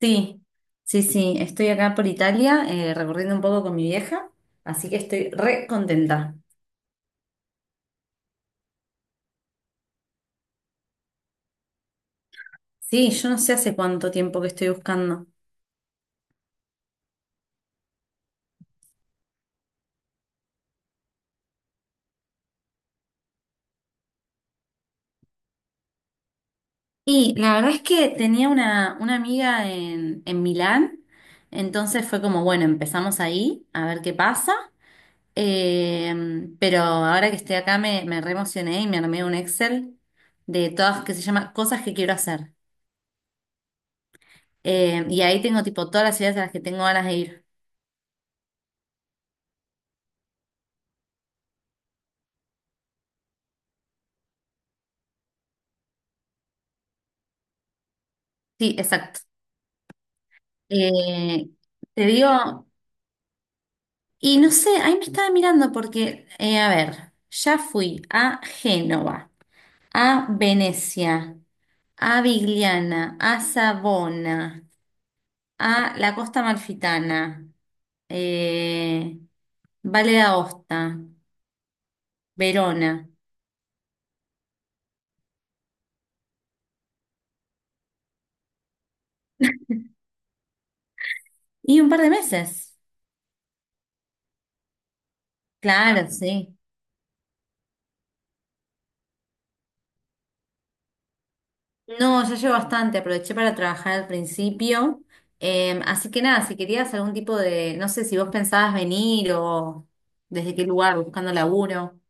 Sí, sí, sí, estoy acá por Italia, recorriendo un poco con mi vieja, así que estoy re contenta. Sí, yo no sé hace cuánto tiempo que estoy buscando. Y la verdad es que tenía una amiga en Milán, entonces fue como, bueno, empezamos ahí, a ver qué pasa. Eh, pero ahora que estoy acá me re emocioné y me armé un Excel de todas que se llama cosas que quiero hacer. Y ahí tengo tipo todas las ciudades a las que tengo ganas de ir. Sí, exacto. Eh, Te digo, y no sé, ahí me estaba mirando porque, a ver, ya fui a Génova, a Venecia, a Vigliana, a Savona, a la Costa Amalfitana, eh, Valle d'Aosta, Verona, y un par de meses. Claro, sí. No, ya llevo bastante, aproveché para trabajar al principio. Así que nada, si querías algún tipo de, no sé si vos pensabas venir o desde qué lugar, buscando laburo.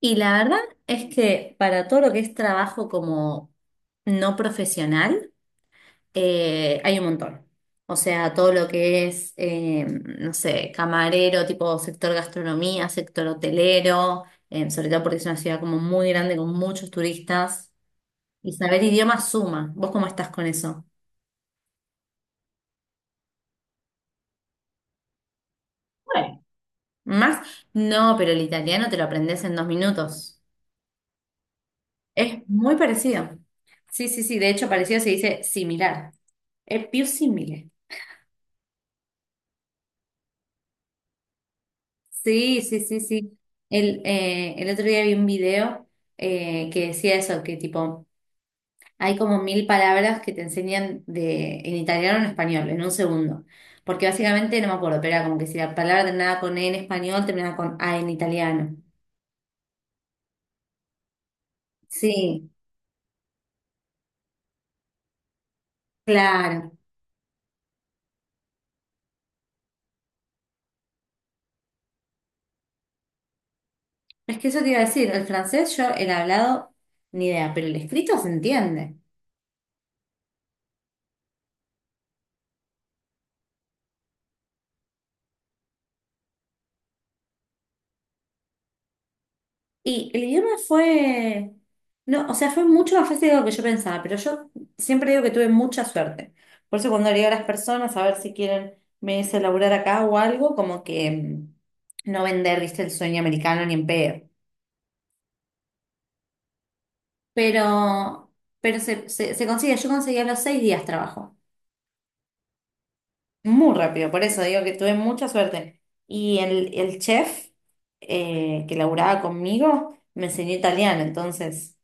Y la verdad es que para todo lo que es trabajo como no profesional, hay un montón. O sea, todo lo que es, no sé, camarero, tipo sector gastronomía, sector hotelero, sobre todo porque es una ciudad como muy grande con muchos turistas. Y saber idiomas suma. ¿Vos cómo estás con eso? Bueno, ¿más? No, pero el italiano te lo aprendes en 2 minutos. Es muy parecido. Sí, sí, sí. De hecho, parecido se dice similar. Es più simile. Sí, sí, sí, sí. El otro día vi un video que decía eso, que tipo, hay como 1000 palabras que te enseñan de, en italiano o en español, en un segundo. Porque básicamente, no me acuerdo, pero era como que si la palabra terminaba con E en español, terminaba con A en italiano. Sí, claro, es que eso te iba a decir, el francés yo el hablado ni idea, pero el escrito se entiende. Y el idioma fue, no, o sea, fue mucho más fácil de lo que yo pensaba, pero yo siempre digo que tuve mucha suerte. Por eso cuando le digo a las personas a ver si quieren venirse a laburar acá o algo, como que no vender, viste, el sueño americano ni en pedo. Pero, pero se consigue, yo conseguí a los 6 días trabajo. Muy rápido, por eso digo que tuve mucha suerte. Y el chef que laburaba conmigo me enseñó italiano, entonces,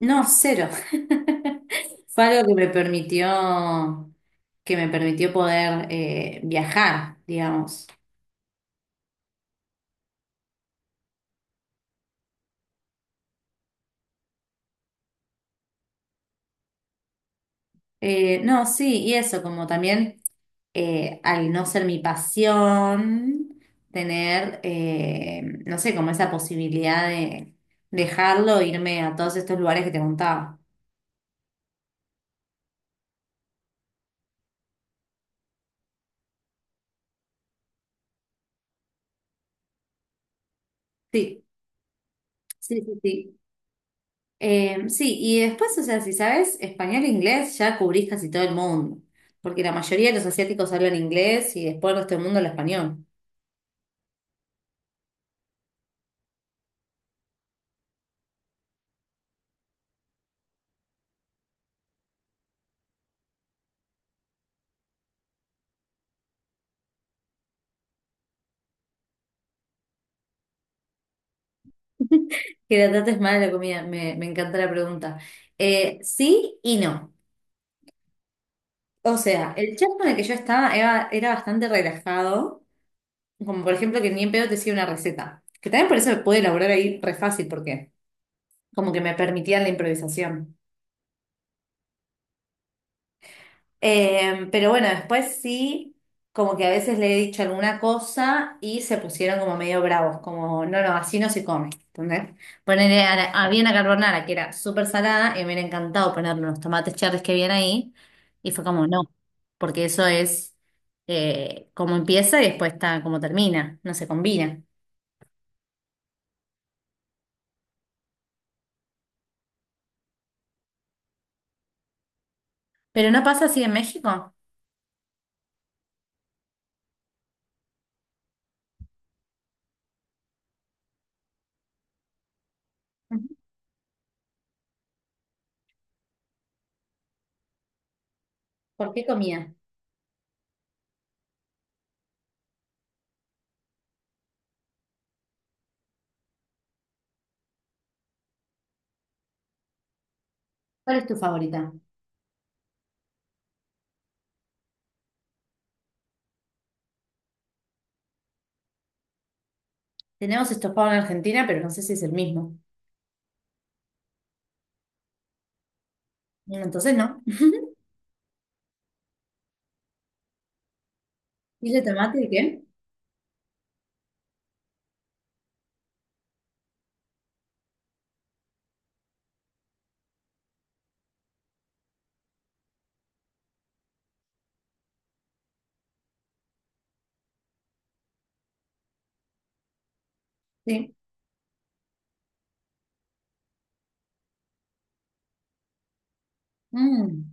no, cero. Fue algo que me permitió poder viajar, digamos. No, sí, y eso, como también al no ser mi pasión, tener, no sé, como esa posibilidad de dejarlo, irme a todos estos lugares que te contaba. Sí. Sí, sí, sí. Sí, y después, o sea, si sabes español e inglés, ya cubrís casi todo el mundo, porque la mayoría de los asiáticos hablan inglés y después el resto del mundo habla español. Que la trates mal la comida, me encanta la pregunta. Sí y no. O sea, el chat con el que yo estaba era bastante relajado, como por ejemplo que ni en pedo te decía una receta, que también por eso pude elaborar ahí re fácil, porque como que me permitían la improvisación. Pero bueno, después sí, como que a veces le he dicho alguna cosa y se pusieron como medio bravos, como, no, no, así no se come, ¿entendés? Ponerle, había una carbonara que era súper salada y me hubiera encantado ponerle unos tomates cherries que habían ahí y fue como, no, porque eso es como empieza y después está como termina, no se combina. Pero no pasa así en México. Ujú. ¿Por qué comida? ¿Cuál es tu favorita? Tenemos estofado en Argentina, pero no sé si es el mismo. Entonces no. ¿Y de tomate de qué? Sí. Mmm,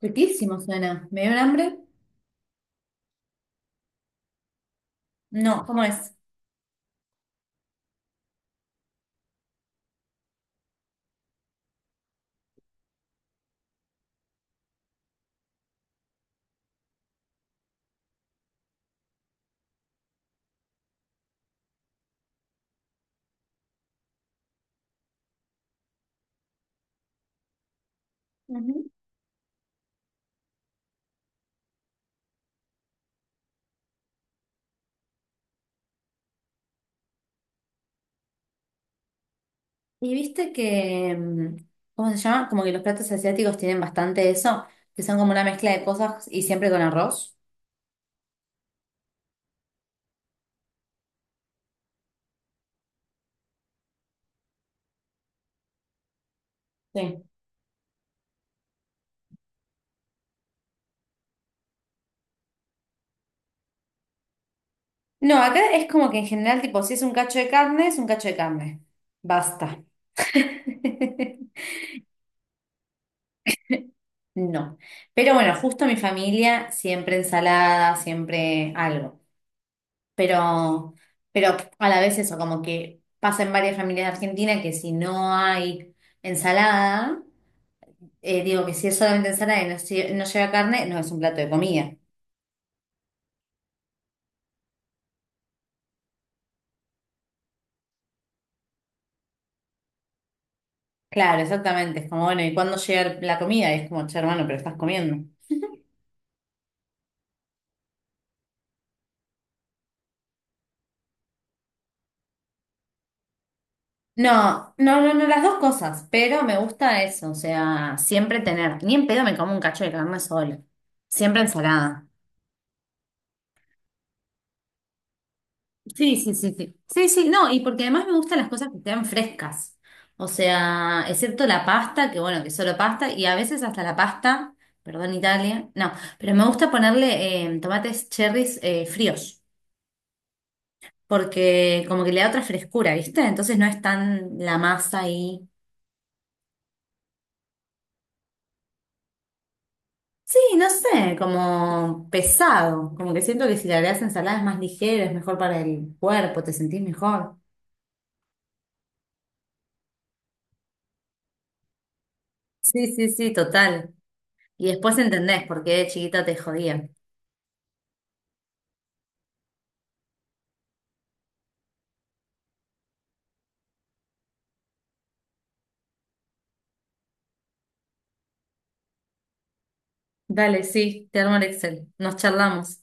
riquísimo suena. ¿Me dio un hambre? No, ¿cómo es? Ujú. Y viste que, mm, ¿cómo se llama? Como que los platos asiáticos tienen bastante eso, que son como una mezcla de cosas y siempre con arroz. Sí. No, acá es como que en general, tipo, si es un cacho de carne, es un cacho de carne. Basta. No. Pero bueno, justo mi familia, siempre ensalada, siempre algo. Pero, pero a la vez eso, como que pasa en varias familias de Argentina que si no hay ensalada, digo que si es solamente ensalada y no, no lleva carne, no es un plato de comida. Claro, exactamente. Es como, bueno, ¿y cuándo llega la comida? Y es como, che, hermano, pero estás comiendo. No, no, no, no, las dos cosas, pero me gusta eso, o sea, siempre tener, ni en pedo me como un cacho de carne sola, siempre ensalada. Sí, sí, sí, sí. Sí, sí, no, y porque además me gustan las cosas que sean frescas. O sea, excepto la pasta, que bueno, que solo pasta, y a veces hasta la pasta, perdón Italia, no, pero me gusta ponerle tomates cherries fríos, porque como que le da otra frescura, ¿viste? Entonces no es tan la masa ahí. Sí, no sé, como pesado, como que siento que si le agregas ensalada es más ligero, es mejor para el cuerpo, te sentís mejor. Sí, sí, sí, total. Y después entendés por qué de chiquita te jodían. Dale, sí, te armo el Excel. Nos charlamos.